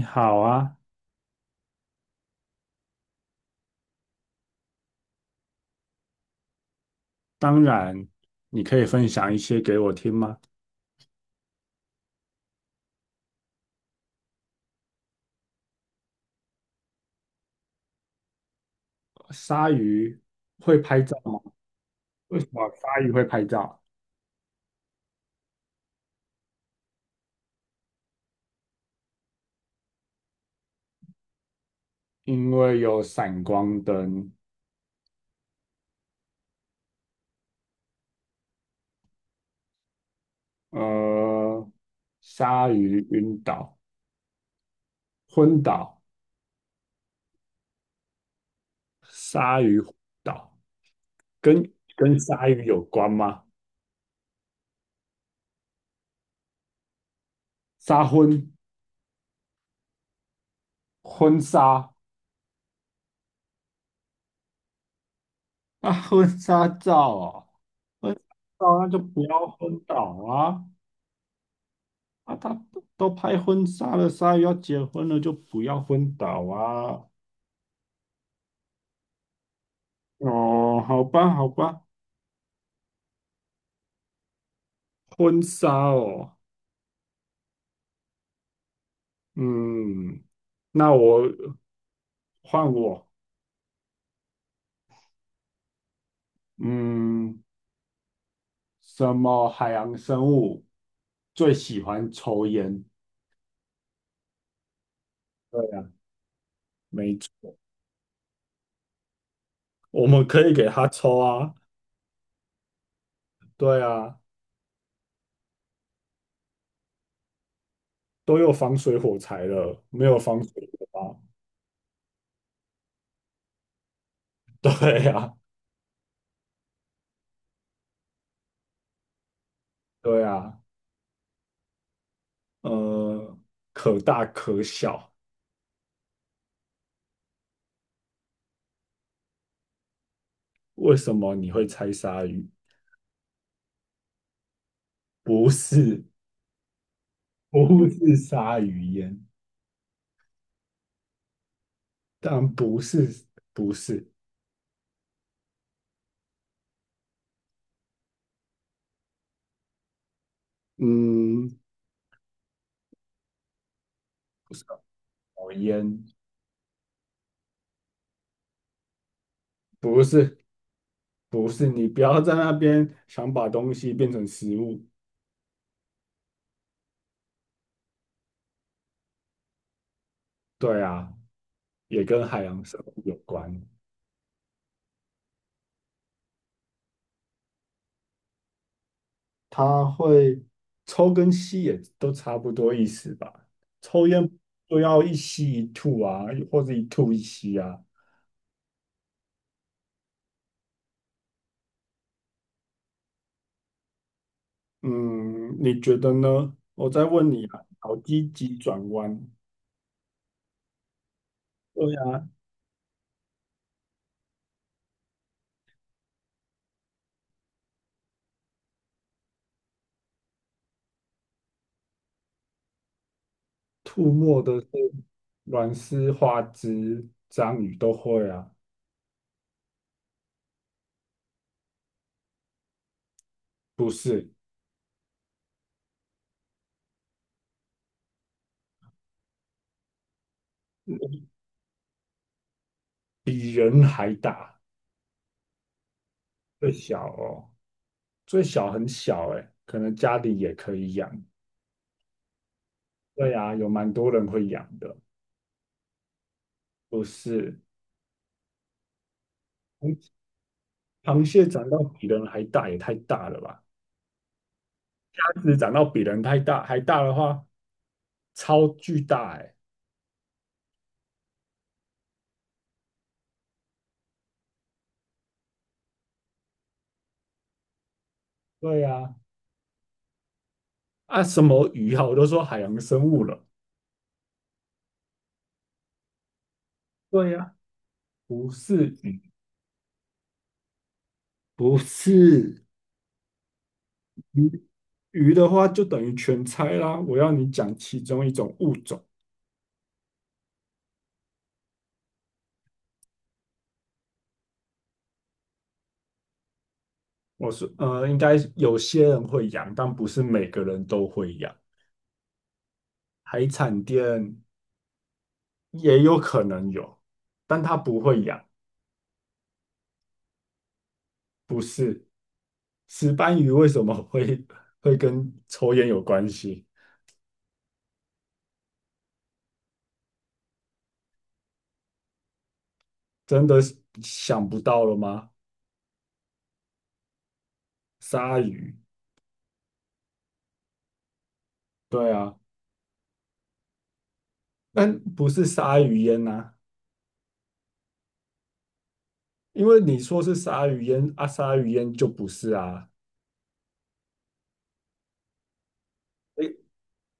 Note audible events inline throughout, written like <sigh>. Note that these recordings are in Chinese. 你好啊，当然，你可以分享一些给我听吗？鲨鱼会拍照吗？为什么鲨鱼会拍照？因为有闪光灯。呃，鲨鱼晕倒、昏倒，鲨鱼昏倒跟鲨鱼有关吗？杀昏、婚纱 <laughs> 啊，婚纱照啊，婚纱照那就不要昏倒啊。啊，他都拍婚纱了，鲨鱼要结婚了，就不要昏倒啊！哦，好吧，好吧，婚纱哦，嗯，那我换我，嗯，什么海洋生物最喜欢抽烟？对啊，没错，我们可以给他抽啊，对啊，都有防水火柴了，没有防水火吗？<laughs> 对呀，对呀，呃，可大可小。为什么你会猜鲨鱼？不是，<laughs> 不是鲨鱼烟，但不是，不是，嗯，什么烟？不是，不是，你不要在那边想把东西变成食物。对啊，也跟海洋生物有关，它会抽跟吸也都差不多意思吧？抽烟就要一吸一吐啊，或者一吐一吸啊。嗯，你觉得呢？我再问你啊，好积极转弯。对啊，吐沫的是软丝、花枝、章鱼都会啊，不是比人还大，最小哦，最小很小哎，可能家里也可以养。对啊，有蛮多人会养的，不是？螃螃蟹长到比人还大，也太大了吧？鸭子长到比人太大还大的话，超巨大哎。对呀、啊，什么鱼啊？我都说海洋生物了。对呀、不是鱼，不是鱼，鱼的话就等于全猜啦。我要你讲其中一种物种。我是应该有些人会养，但不是每个人都会养。海产店也有可能有，但他不会养。不是石斑鱼为什么会跟抽烟有关系？真的是想不到了吗？鲨鱼，对啊，但不是鲨鱼烟呐、因为你说是鲨鱼烟啊，鲨鱼烟就不是啊，哎，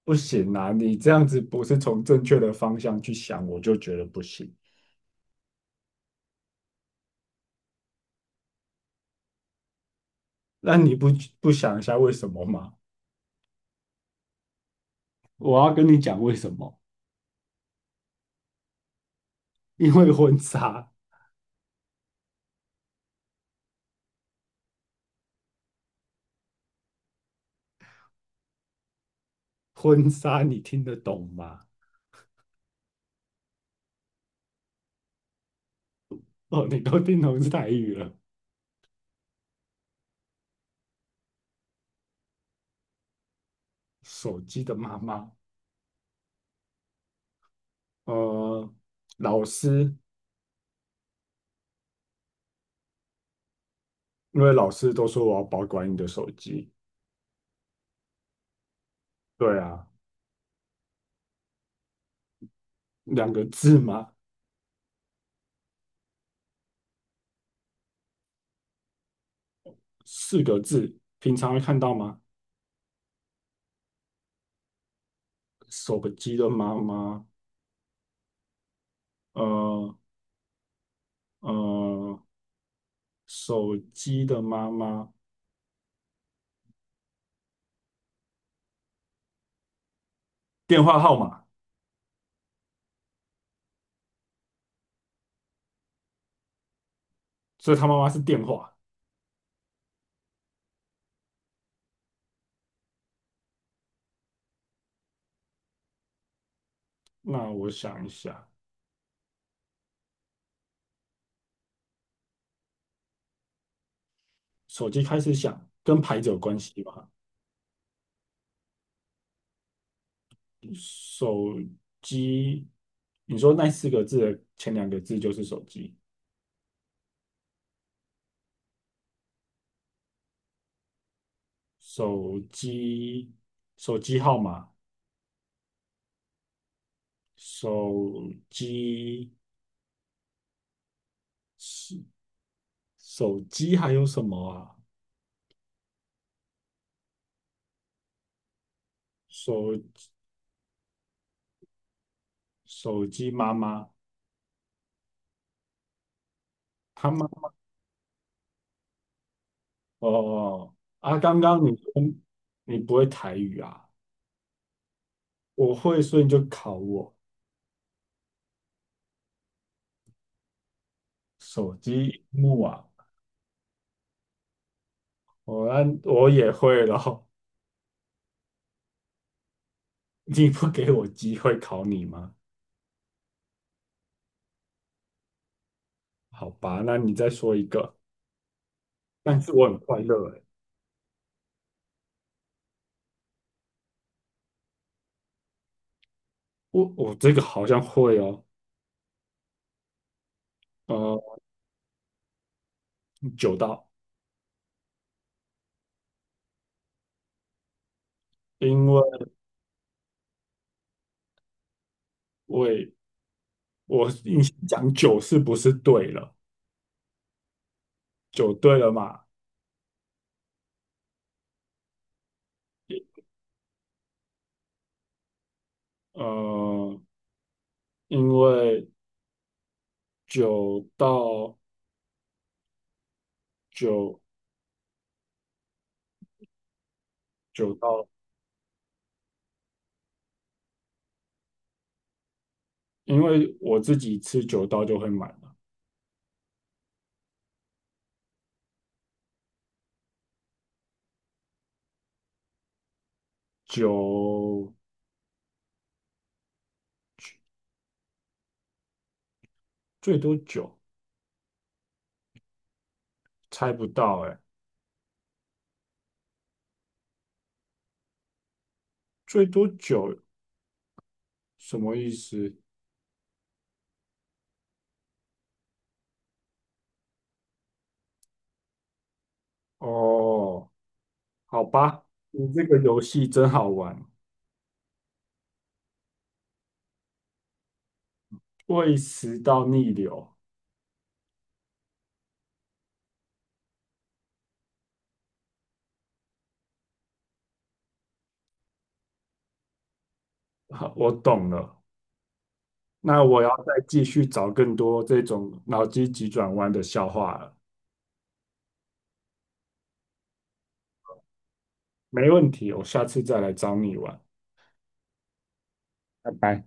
不行啊，你这样子不是从正确的方向去想，我就觉得不行。那你不想一下为什么吗？我要跟你讲为什么，因为婚纱，<laughs> 婚纱你听得懂吗？哦，你都听懂是台语了，手机的妈妈，呃，老师，因为老师都说我要保管你的手机，对啊，两个字嘛。四个字，平常会看到吗？手机的妈妈，呃呃，手机的妈妈，电话号码，所以他妈妈是电话。那我想一下，手机开始响，跟牌子有关系吧？手机，你说那四个字的前两个字就是手机，手机，手机号码，手机，手手机还有什么啊？手手机妈妈，他妈哦哦哦啊，刚刚你说你不会台语啊，我会，所以你就考我手机荧幕啊，那我也会咯，<laughs> 你不给我机会考你吗？好吧，那你再说一个，但是我很快乐诶，我这个好像会哦，呃，九道，因为我也我你先讲九是不是对了？九对了嘛？呃，因为九到九九到，因为我自己吃九刀就会满了，九最多九，猜不到哎、最多九什么意思？哦，好吧，你这个游戏真好玩，胃食到逆流，<laughs> 好我懂了。那我要再继续找更多这种脑筋急转弯的笑话了。没问题，我下次再来找你玩。拜拜。